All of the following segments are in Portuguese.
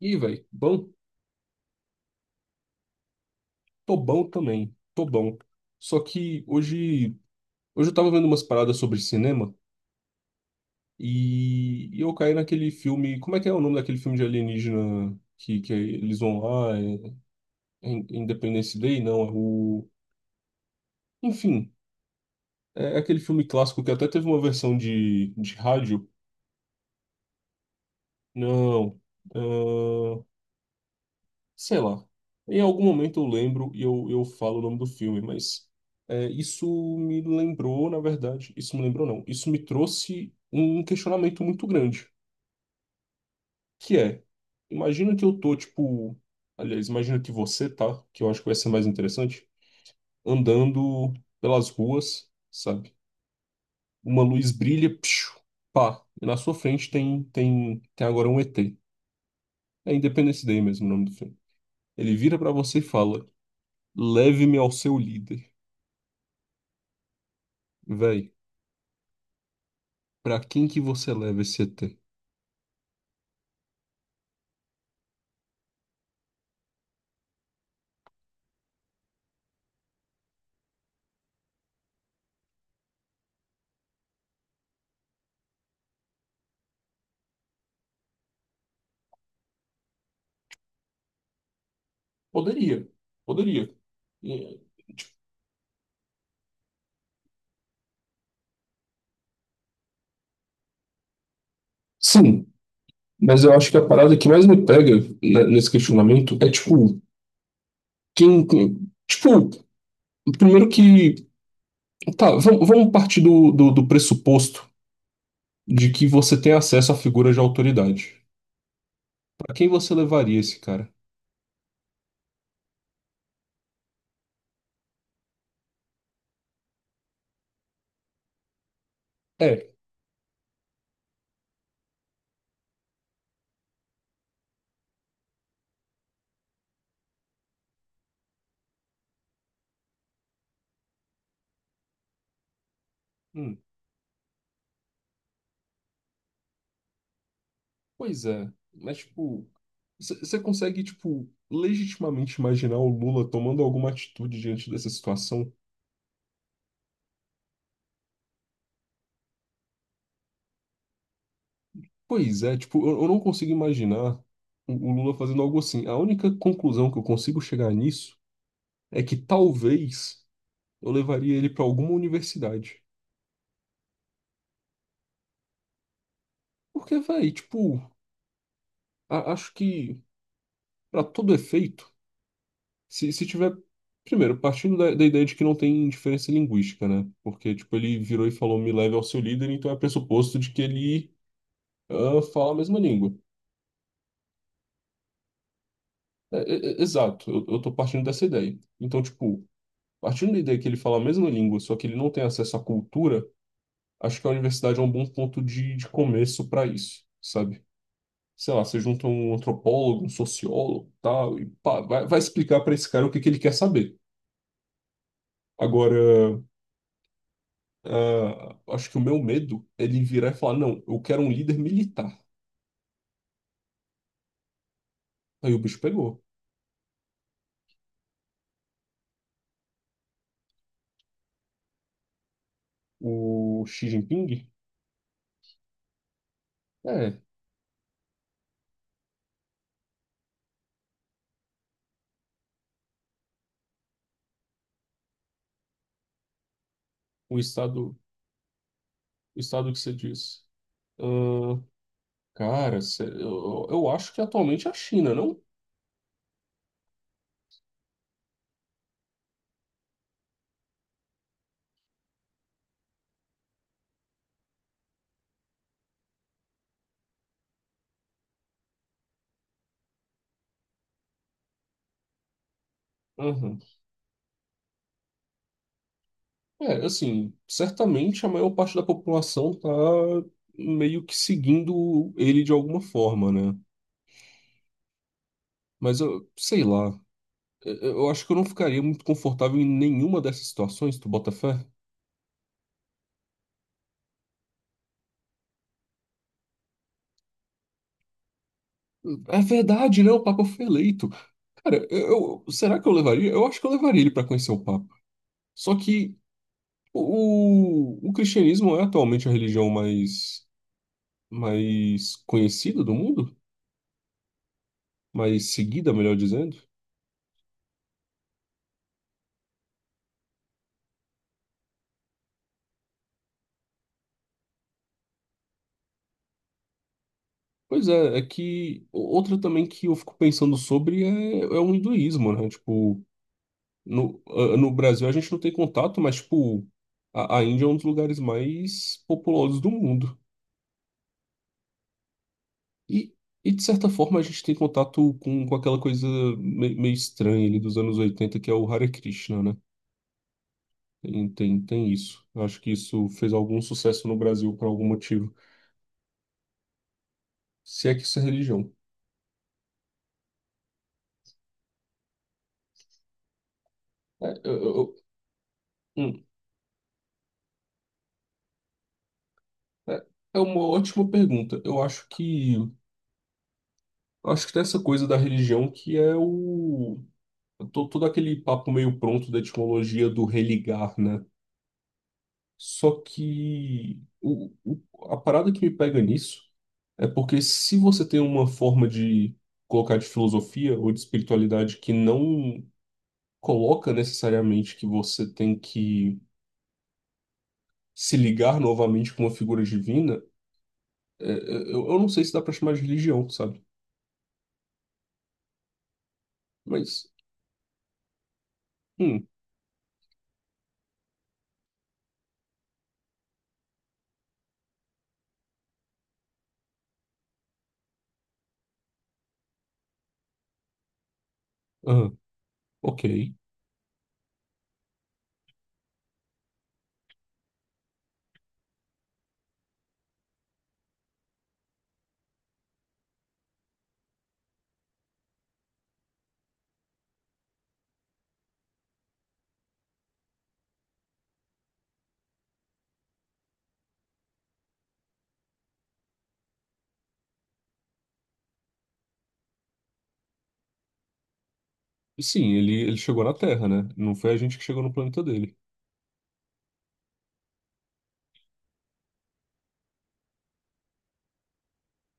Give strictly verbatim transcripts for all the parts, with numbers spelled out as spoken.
Ih, velho, bom, tô bom também, tô bom. Só que hoje, hoje eu tava vendo umas paradas sobre cinema e, e eu caí naquele filme. Como é que é o nome daquele filme de alienígena que, que eles vão lá? É, é In- Independence Day? Não, é o. Enfim, é aquele filme clássico que até teve uma versão de, de rádio. Não. ah, Sei lá. Em algum momento eu lembro e eu, eu falo o nome do filme, mas é, isso me lembrou, na verdade, isso me lembrou não, isso me trouxe um questionamento muito grande, que é, imagina que eu tô, tipo, aliás, imagina que você tá, que eu acho que vai ser mais interessante, andando pelas ruas, sabe? Uma luz brilha, psiu, pá, e na sua frente tem, tem, tem agora um E T. É Independence Day mesmo o nome do filme. Ele vira pra você e fala, leve-me ao seu líder. Véi, pra quem que você leva esse E T? Poderia, poderia. E- Sim, mas eu acho que a parada que mais me pega, né, nesse questionamento é tipo, quem. quem- tipo, primeiro que. Tá, vamos, vamos partir do, do, do pressuposto de que você tem acesso à figura de autoridade. Pra quem você levaria esse cara? É. Pois é, mas tipo, você consegue, tipo, legitimamente imaginar o Lula tomando alguma atitude diante dessa situação? Pois é, tipo, eu, eu não consigo imaginar o, o Lula fazendo algo assim. A única conclusão que eu consigo chegar nisso é que talvez eu levaria ele pra alguma universidade. Porque, véi, tipo, a- acho que pra todo efeito, se, se tiver. Primeiro, partindo da, da ideia de que não tem diferença linguística, né? Porque, tipo, ele virou e falou, me leve ao seu líder, então é pressuposto de que ele ah, fala a mesma língua. É, é, é, exato, eu, eu tô partindo dessa ideia. Então, tipo, partindo da ideia que ele fala a mesma língua, só que ele não tem acesso à cultura, acho que a universidade é um bom ponto de, de começo para isso, sabe? Sei lá, você junta um antropólogo, um sociólogo, tal, e pá, vai, vai explicar para esse cara o que que ele quer saber. Agora, ah, acho que o meu medo é ele virar e falar, não, eu quero um líder militar. Aí o bicho pegou. O Xi Jinping? É, o estado, o estado que você diz. Ah, cara, cê- eu, eu acho que atualmente é a China, não? Aham. É, assim, certamente a maior parte da população tá meio que seguindo ele de alguma forma, né? Mas eu sei lá. Eu eu acho que eu não ficaria muito confortável em nenhuma dessas situações, tu bota fé? É verdade, né? O Papa foi eleito. Cara, eu, eu- será que eu levaria? Eu acho que eu levaria ele para conhecer o Papa. Só que o, o cristianismo é atualmente a religião mais, mais conhecida do mundo? Mais seguida, melhor dizendo. Pois é, é que o- outra também que eu fico pensando sobre é, é o hinduísmo, né? Tipo, no, a- no Brasil a gente não tem contato, mas, tipo, a, a Índia é um dos lugares mais populosos do mundo. E, e de certa forma, a gente tem contato com, com aquela coisa me- meio estranha ali dos anos oitenta que é o Hare Krishna, né? Tem, tem, tem isso. Eu acho que isso fez algum sucesso no Brasil por algum motivo. Se é que isso é religião. É, eu, eu- É é uma ótima pergunta. Eu acho que eu acho que tem essa coisa da religião que é o to- todo aquele papo meio pronto da etimologia do religar, né? Só que o, o- a parada que me pega nisso é porque se você tem uma forma de colocar de filosofia ou de espiritualidade que não coloca necessariamente que você tem que se ligar novamente com uma figura divina, é, é, eu, eu não sei se dá pra chamar de religião, sabe? Mas hum. Ah, ok. Sim, ele, ele chegou na Terra, né? Não foi a gente que chegou no planeta dele.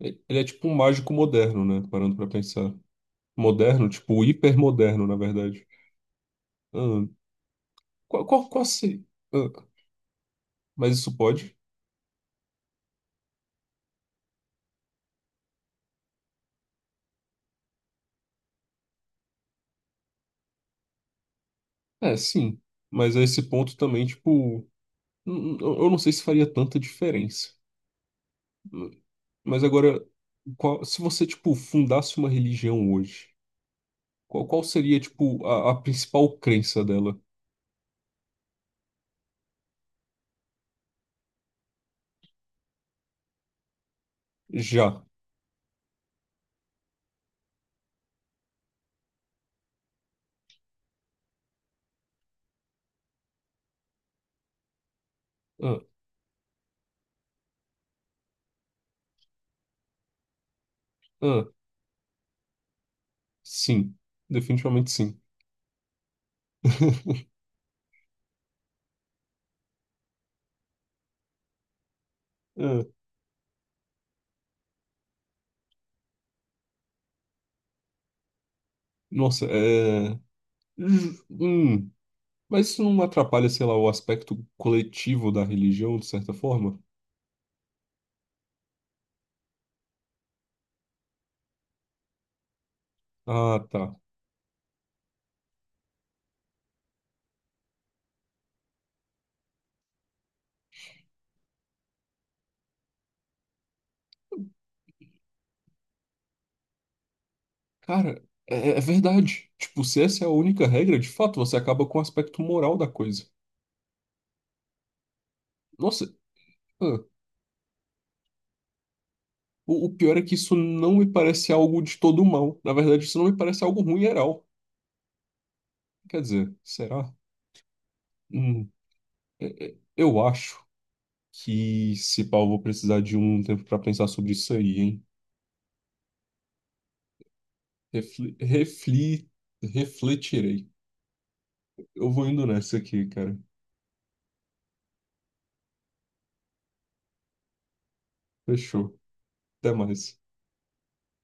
E- Ele é tipo um mágico moderno, né? Parando pra pensar. Moderno, tipo hipermoderno, na verdade. Ah, qual, qual, qual se... ah, mas isso pode? É, sim. Mas a esse ponto também, tipo, n- n- eu não sei se faria tanta diferença. Hum. Mas agora, qual- se você, tipo, fundasse uma religião hoje, qual, qual seria, tipo, a, a principal crença dela? Já. Ah, ah. Sim, definitivamente sim. É, nossa, é. ju- hum, Mas isso não atrapalha, sei lá, o aspecto coletivo da religião, de certa forma? Ah, tá. Cara, é, é é verdade. Tipo, se essa é a única regra, de fato, você acaba com o aspecto moral da coisa. Nossa, ah, o, o pior é que isso não me parece algo de todo mal. Na verdade, isso não me parece algo ruim geral. Quer dizer, será? Hum, é- é, eu acho. Que se pau, eu vou precisar de um tempo para pensar sobre isso aí, hein? Refli, refli, Refletirei. Eu vou indo nessa aqui, cara. Fechou. Até mais.